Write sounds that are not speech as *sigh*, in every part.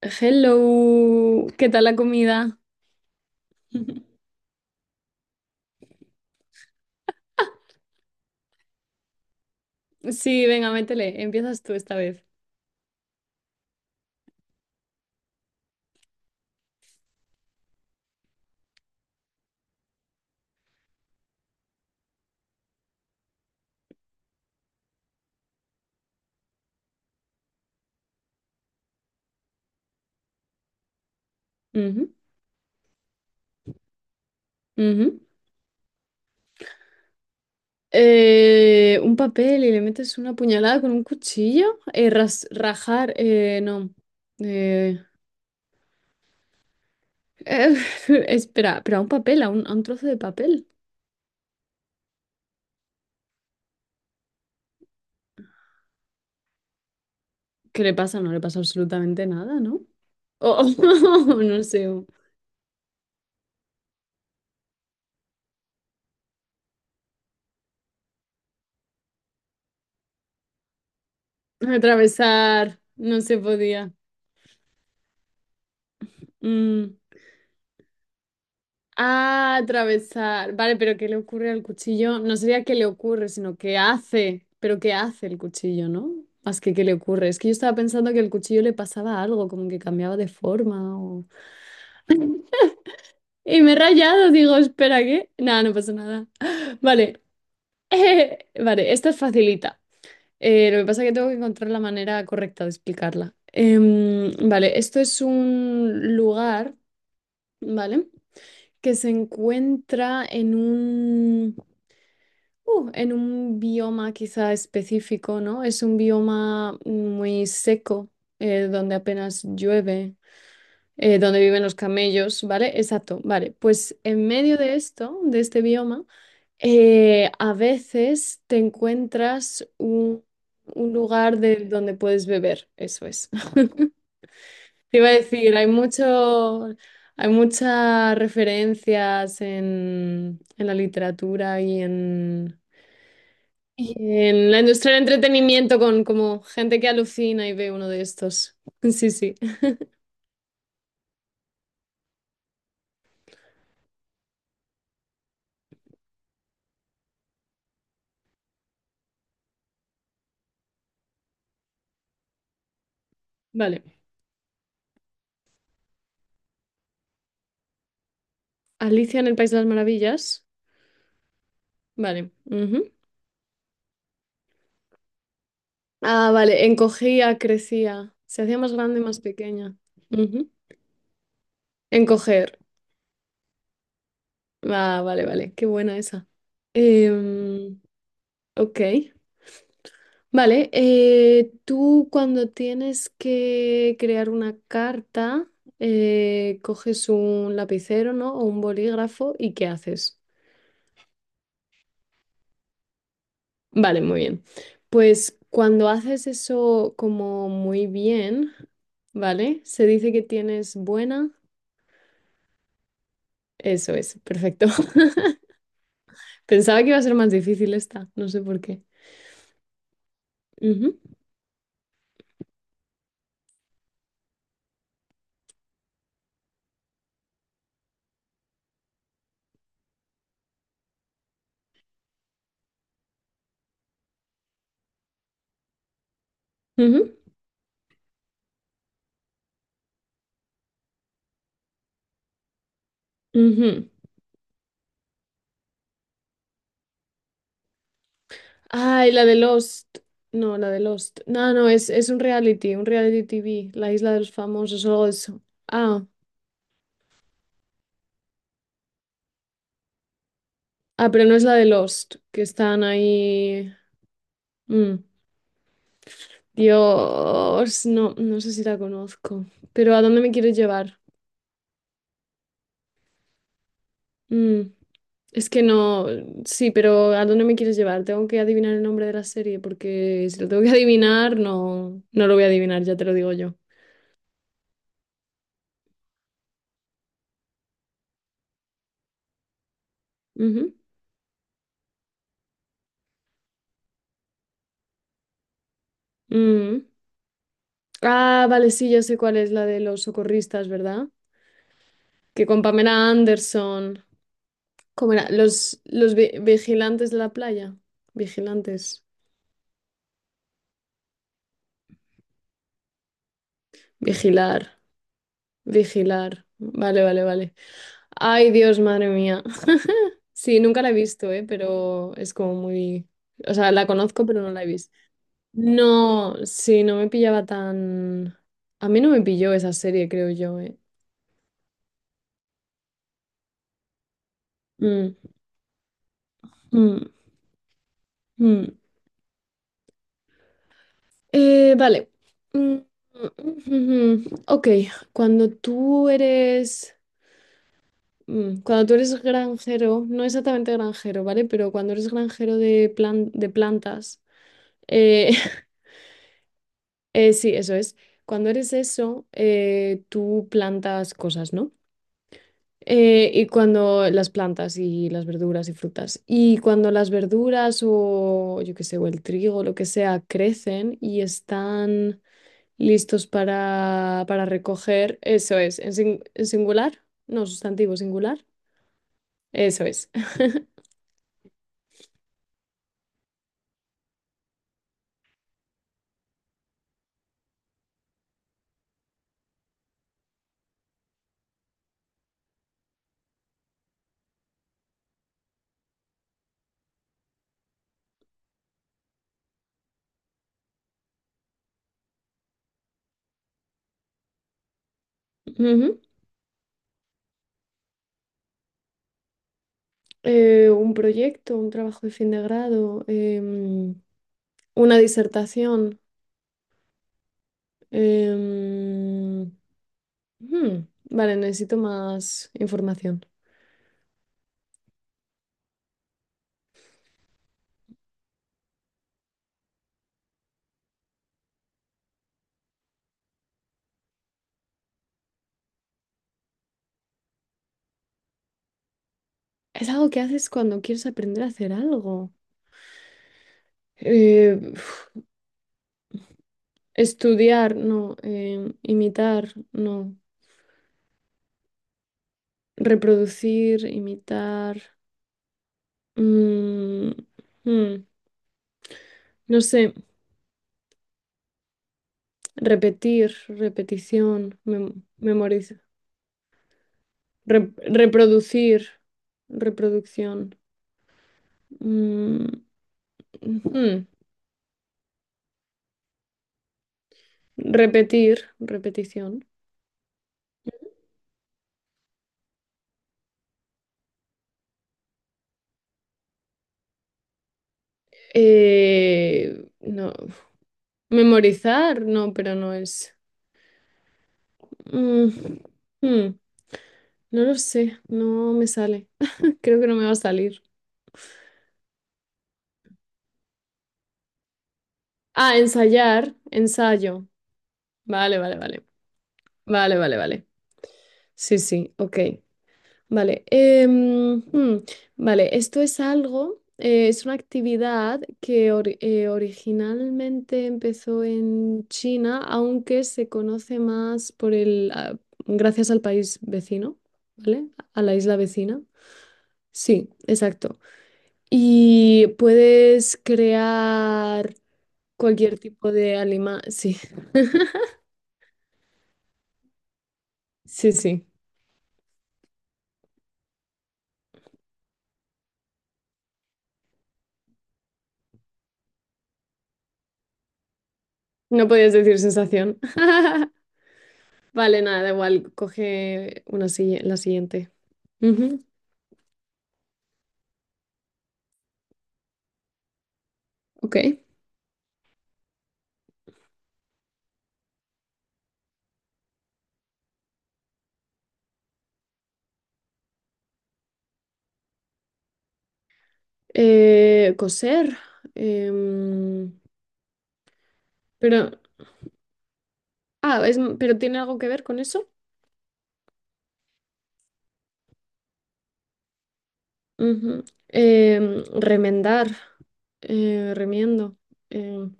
Hello, ¿qué tal la comida? *laughs* Sí, venga, métele, empiezas tú esta vez. Ujú, ujú. Un papel y le metes una puñalada con un cuchillo. Rajar, no. Eh, eh, *laughs* espera, pero a un papel, a un trozo de papel. ¿Qué le pasa? No le pasa absolutamente nada, ¿no? Oh, *laughs* no sé. Atravesar, no se podía. Mm. Ah, atravesar. Vale, pero ¿qué le ocurre al cuchillo? No sería qué le ocurre, sino qué hace. Pero ¿qué hace el cuchillo, no? Más que qué le ocurre. Es que yo estaba pensando que el cuchillo le pasaba algo, como que cambiaba de forma o... *laughs* Y me he rayado, digo, espera, ¿qué? Nada, no pasa nada. Vale, *laughs* vale, esta es facilita. Lo que pasa es que tengo que encontrar la manera correcta de explicarla. Vale, esto es un lugar, ¿vale? Que se encuentra en un... En un bioma quizá específico, ¿no? Es un bioma muy seco, donde apenas llueve, donde viven los camellos, ¿vale? Exacto, vale. Pues en medio de esto, de este bioma, a veces te encuentras un lugar de donde puedes beber, eso es. *laughs* Te iba a decir, hay muchas referencias en la literatura y en la industria del entretenimiento con como gente que alucina y ve uno de estos. *laughs* Sí, sí. Vale. Alicia en el País de las Maravillas. Vale, ujú. Ah, vale. Encogía, crecía. Se hacía más grande y más pequeña. Ujú. Encoger. Ah, vale, vale. Qué buena esa. Em, ok. Vale. Tú cuando tienes que crear una carta, coges un lapicero, ¿no? O un bolígrafo y ¿qué haces? Vale, muy bien. Pues cuando haces eso como muy bien, ¿vale? Se dice que tienes buena. Eso es, perfecto. *laughs* Pensaba que iba a ser más difícil esta, no sé por qué. Ujú, ujú, ujú. Ay, la de Lost. No, la de Lost. No, es un reality TV, la isla de los famosos o algo de eso. Ah, ah, pero no es la de Lost, que están ahí. Mm, Dios, no, no sé si la conozco. Pero ¿a dónde me quieres llevar? Mm, es que no, sí, pero ¿a dónde me quieres llevar? Tengo que adivinar el nombre de la serie porque si lo tengo que adivinar, no, no lo voy a adivinar, ya te lo digo yo. Ujú. Mm. Ah, vale, sí, ya sé cuál es la de los socorristas, ¿verdad? Que con Pamela Anderson, ¿cómo era? Los vigilantes de la playa. Vigilantes. Vigilar. Vigilar. Vale, vale, vale. Ay, Dios, madre mía. *laughs* Sí, nunca la he visto, ¿eh? Pero es como muy... O sea, la conozco, pero no la he visto. No, sí, no me pillaba tan... A mí no me pilló esa serie, creo yo, ¿eh? Mm, mm, mm. Vale. Mm, mm, mm, mm. Ok, cuando tú eres... Cuando tú eres granjero, no exactamente granjero, ¿vale? Pero cuando eres granjero de plantas... eh, sí, eso es. Cuando eres eso, tú plantas cosas, ¿no? Y cuando las plantas y las verduras y frutas. Y cuando las verduras o yo qué sé, o el trigo, lo que sea, crecen y están listos para recoger, eso es. ¿En singular? No, sustantivo singular. Eso es. *laughs* Ujú. Un proyecto, un trabajo de fin de grado, una disertación. Em, ujú. Vale, necesito más información. Es algo que haces cuando quieres aprender a hacer algo. Eh, uf, Estudiar, no. Imitar, no. Reproducir, imitar. Mm, mm, no sé. Repetir, repetición, memorizar. rep- Reproducir, reproducción. Mm, ujú, repetir, repetición. No. Memorizar, no, pero no es. Mm, hmm, no lo sé, no me sale. *laughs* Creo que no me va a salir. Ah, ensayar, ensayo. Vale, vale, vale. Vale, vale, vale. Sí, sí, ok. Vale. em, hmm, vale, esto es algo, es una actividad que originalmente empezó en China, aunque se conoce más por el, ah, gracias al país vecino, ¿vale? A la isla vecina. Sí, exacto. Y puedes crear cualquier tipo de alima. Sí, sí, sí. No podías decir sensación. *laughs* Vale, nada, da igual. Coge una silla la siguiente. Ujú, ok. Coser. em, pero, ah, es, pero ¿tiene algo que ver con eso? Ujú. Em, remendar. Remiendo. em,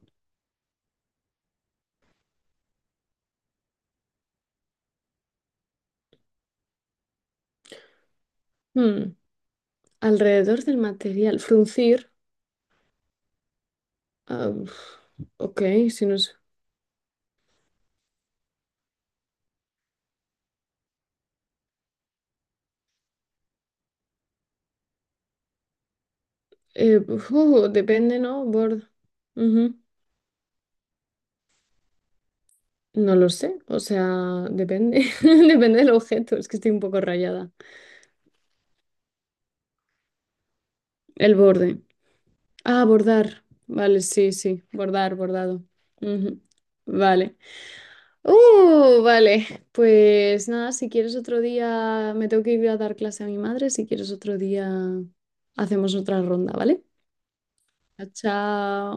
hmm, Alrededor del material. Fruncir. Ah, uf, ok, si no sé. Uf, *laughs* depende, ¿no? Board. Ujú. No lo sé, o sea, depende. *laughs* Depende del objeto, es que estoy un poco rayada. El borde. Ah, bordar. Vale, sí, sí, bordar, bordado. Ujú. Vale. Vale. Pues nada, si quieres otro día, me tengo que ir a dar clase a mi madre. Si quieres otro día, hacemos otra ronda, ¿vale? Chao.